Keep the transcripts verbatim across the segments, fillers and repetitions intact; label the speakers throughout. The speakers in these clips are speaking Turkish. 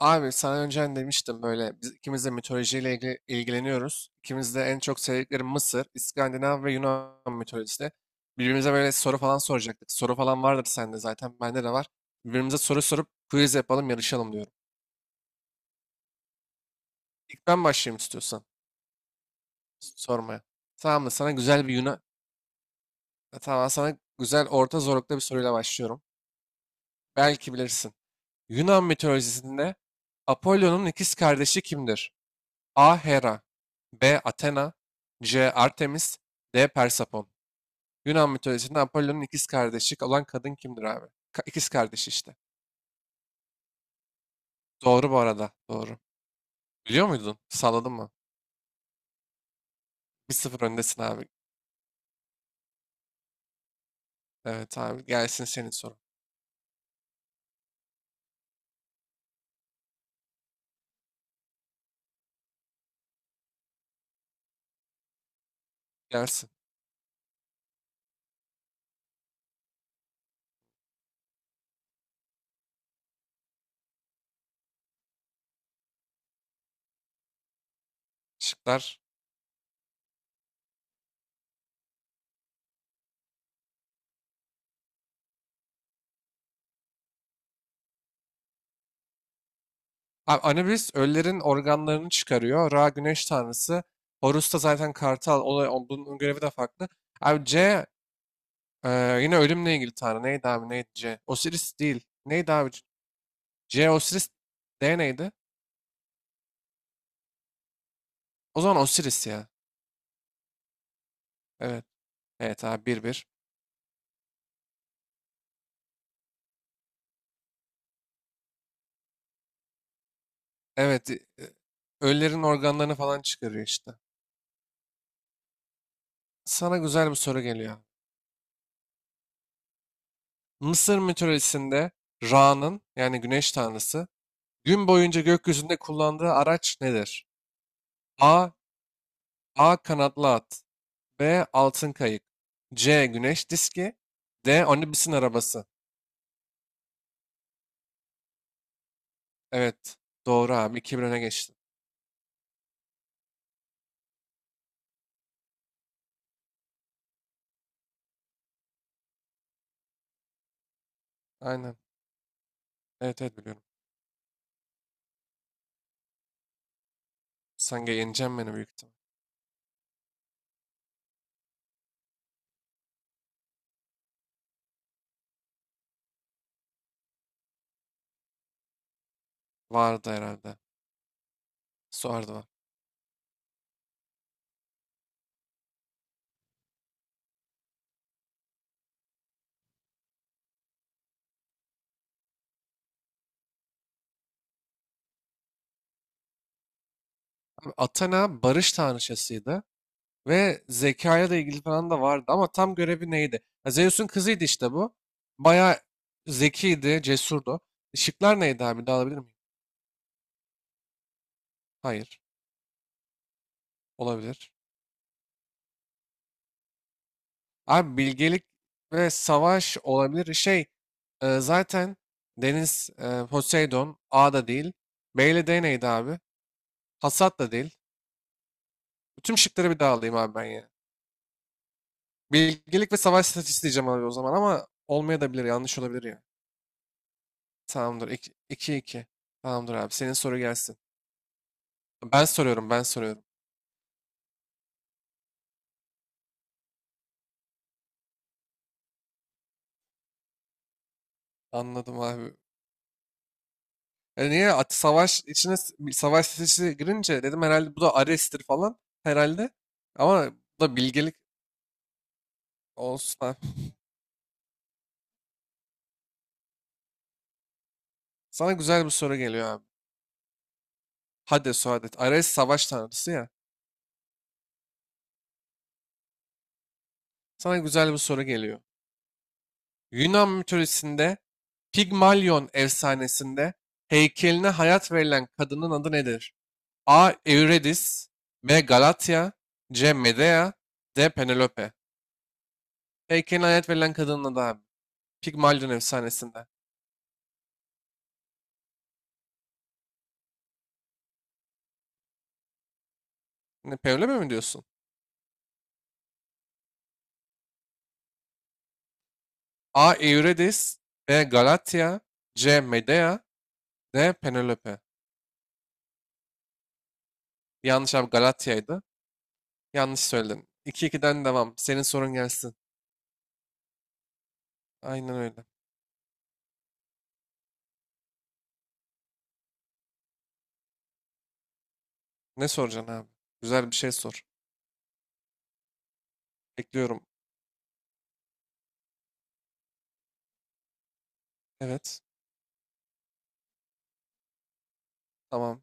Speaker 1: Abi sana önceden demiştim böyle biz ikimiz de mitolojiyle ilgi- ilgileniyoruz. İkimiz de en çok sevdikleri Mısır, İskandinav ve Yunan mitolojisi. Birbirimize böyle soru falan soracaktık. Soru falan vardır sende zaten, bende de var. Birbirimize soru sorup quiz yapalım, yarışalım diyorum. İlk ben başlayayım istiyorsan s- sormaya. Tamam da sana güzel bir Yunan. Tamam sana güzel orta zorlukta bir soruyla başlıyorum. Belki bilirsin. Yunan mitolojisinde Apollo'nun ikiz kardeşi kimdir? A. Hera, B. Athena, C. Artemis, D. Persefon. Yunan mitolojisinde Apollon'un ikiz kardeşi olan kadın kimdir abi? Ka- ikiz kardeşi işte. Doğru bu arada. Doğru. Biliyor muydun? Salladın mı? Bir sıfır öndesin abi. Evet abi. Gelsin senin sorun. Gelsin. Şıklar. Abi Anubis ölülerin organlarını çıkarıyor. Ra güneş tanrısı. Horus da zaten kartal. Olay, o- bunun görevi de farklı. Abi C, e, yine ölümle ilgili tanrı. Neydi abi? Neydi C? Osiris değil. Neydi abi? J Osiris, D neydi? O zaman Osiris ya. Evet. Evet abi, bir bir, Evet. e, Ölülerin organlarını falan çıkarıyor işte. Sana güzel bir soru geliyor. Mısır mitolojisinde Ra'nın, yani güneş tanrısı, gün boyunca gökyüzünde kullandığı araç nedir? A. A. Kanatlı at. B. Altın kayık. C. Güneş diski. D. Anubis'in arabası. Evet. Doğru abi. iki bir öne geçtin. Aynen. Evet evet biliyorum. Sen yeneceksin beni büyük ihtimal. Vardı herhalde. Sordular. Abi Athena barış tanrıçasıydı ve zekayla da ilgili falan da vardı ama tam görevi neydi? Ha, Zeus'un kızıydı işte bu. Bayağı zekiydi, cesurdu. Işıklar neydi abi? Bir daha alabilir miyim? Hayır. Olabilir. Abi bilgelik ve savaş olabilir. Şey e, zaten deniz, e, Poseidon, A da değil. B ile D neydi abi? Hasat da değil. Bütün şıkları bir daha alayım abi ben ya. Bilgelik ve savaş stratejisi diyeceğim abi o zaman ama olmayabilir, yanlış olabilir ya. Tamamdır. İki iki. Tamamdır abi. Senin soru gelsin. Ben soruyorum, ben soruyorum. Anladım abi. E niye at savaş içine s- bir savaş sesi girince dedim herhalde bu da Ares'tir falan herhalde. Ama bu da bilgelik olsun abi. Sana güzel bir soru geliyor abi. Hades o Hades. Ares savaş tanrısı ya. Sana güzel bir soru geliyor. Yunan mitolojisinde Pigmalion efsanesinde heykeline hayat verilen kadının adı nedir? A. Eurydice, B. Galatya, C. Medea, D. Penelope. Heykelin hayat verilen kadının adı abi. Pigmalion efsanesinde. Ne, Penelope mi diyorsun? A. Eurydice, B. Galatya, C. Medea, D. Penelope. Yanlış abi, Galatya'ydı. Yanlış söyledin. iki ikiden devam. Senin sorun gelsin. Aynen öyle. Ne soracaksın abi? Güzel bir şey sor. Bekliyorum. Evet. Tamam.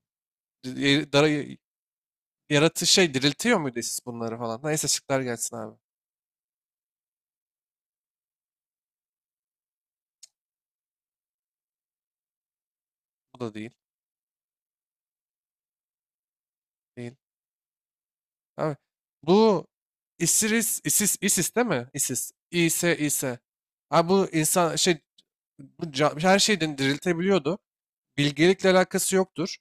Speaker 1: Yaratı şey diriltiyor muydu siz bunları falan? Neyse şıklar gelsin abi. Bu da değil. Değil. Abi, bu ISIS, ISIS, ISIS değil mi? ISIS. İse, İse. Abi bu insan şey, bu ca- her şeyden diriltebiliyordu. Bilgelikle alakası yoktur.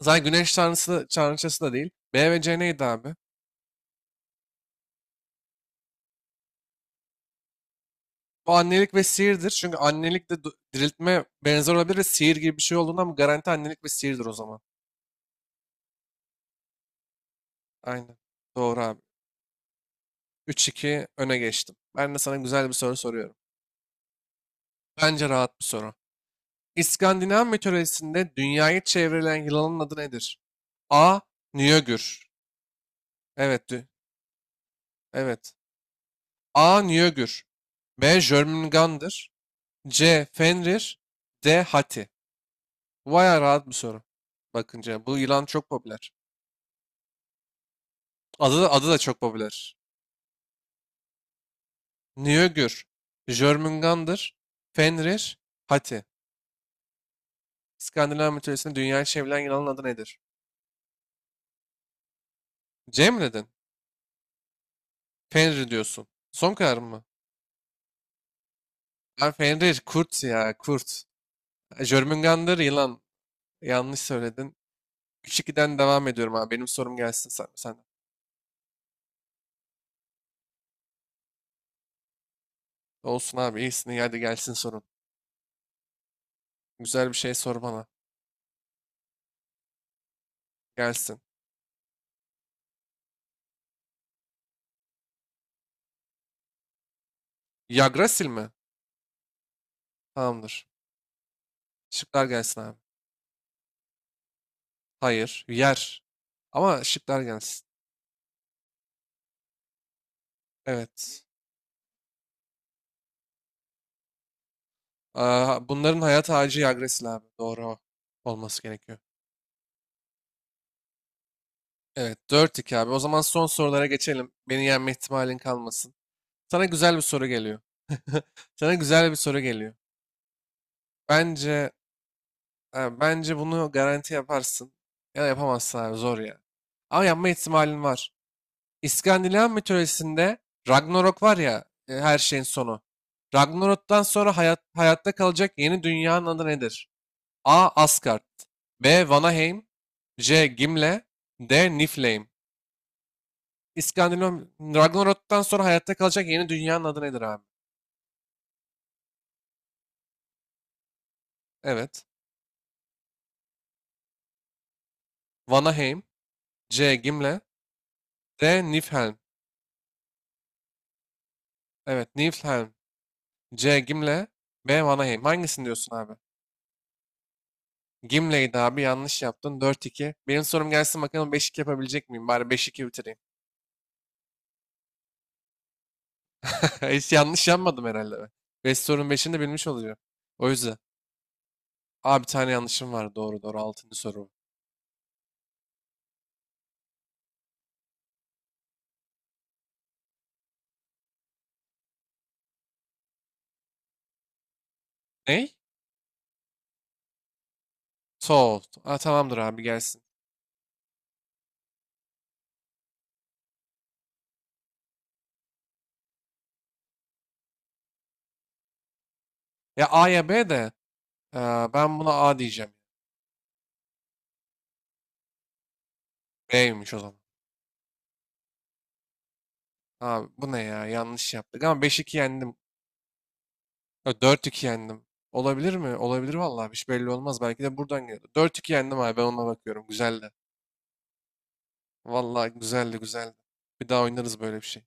Speaker 1: Zaten güneş tanrısı da- tanrıçası da değil. B ve C neydi abi? Bu annelik ve sihirdir. Çünkü annelik de du- diriltme benzer olabilir ve sihir gibi bir şey olduğundan bu garanti annelik ve sihirdir o zaman. Aynen. Doğru abi. Üç iki öne geçtim. Ben de sana güzel bir soru soruyorum. Bence rahat bir soru. İskandinav mitolojisinde dünyayı çevreleyen yılanın adı nedir? A. Njögür. Evet, dü- evet. A. Njögür. B. Jörmungandr. C. Fenrir. D. Hati. Bu bayağı rahat bir soru. Bakınca bu yılan çok popüler. Adı da, adı da çok popüler. Njögür. Jörmungandr. Fenrir. Hati. İskandinav mitolojisinde dünyayı çevrilen yılanın adı nedir? C mi dedin? Fenrir diyorsun. Son karar mı? Ben Fenrir. Kurt ya. Kurt. Jörmungandr yılan. Yanlış söyledin. üç ikiden devam ediyorum abi. Benim sorum gelsin sen, sen. Olsun abi iyisin. İyi, hadi gelsin sorun. Güzel bir şey sor bana. Gelsin. Yggdrasil mi? Tamamdır. Şıklar gelsin abi. Hayır. Yer. Ama şıklar gelsin. Evet. Aa, bunların hayat ağacı Yggdrasil abi. Doğru o. Olması gerekiyor. Evet. Dört iki abi. O zaman son sorulara geçelim. Beni yenme ihtimalin kalmasın. Sana güzel bir soru geliyor. Sana güzel bir soru geliyor. Bence, ha, bence bunu garanti yaparsın. Ya da yapamazsın abi, zor ya. Ama yapma ihtimalin var. İskandinav mitolojisinde Ragnarok var ya, e, her şeyin sonu. Ragnarok'tan sonra hayat, hayatta kalacak yeni dünyanın adı nedir? A. Asgard, B. Vanaheim, C. Gimle, D. Niflheim. İskandinav Ragnarok'tan sonra hayatta kalacak yeni dünyanın adı nedir abi? Evet. Vanaheim, C. Gimle, D. Niflheim. Evet, Niflheim. C. Gimle. B. Vanaheim. Hangisini diyorsun abi? Gimle'ydi abi, yanlış yaptın. Dört iki. Benim sorum gelsin bakalım, beş iki yapabilecek miyim? Bari beş iki bitireyim. Hiç yanlış yapmadım herhalde ben. beş sorunun beşini de bilmiş olacağım. O yüzden. Abi bir tane yanlışım var. Doğru doğru. altıncı soru. Ney? Soğut. Aa tamamdır abi gelsin. Ya A ya B de, e, ben buna A diyeceğim. B'ymiş o zaman. Abi bu ne ya? Yanlış yaptık ama beş iki yendim. Ya dört iki yendim. Olabilir mi? Olabilir vallahi. Hiç belli olmaz. Belki de buradan geliyor. Dört iki yendim abi. Ben ona bakıyorum. Güzeldi. Vallahi güzeldi güzeldi. Bir daha oynarız böyle bir şey.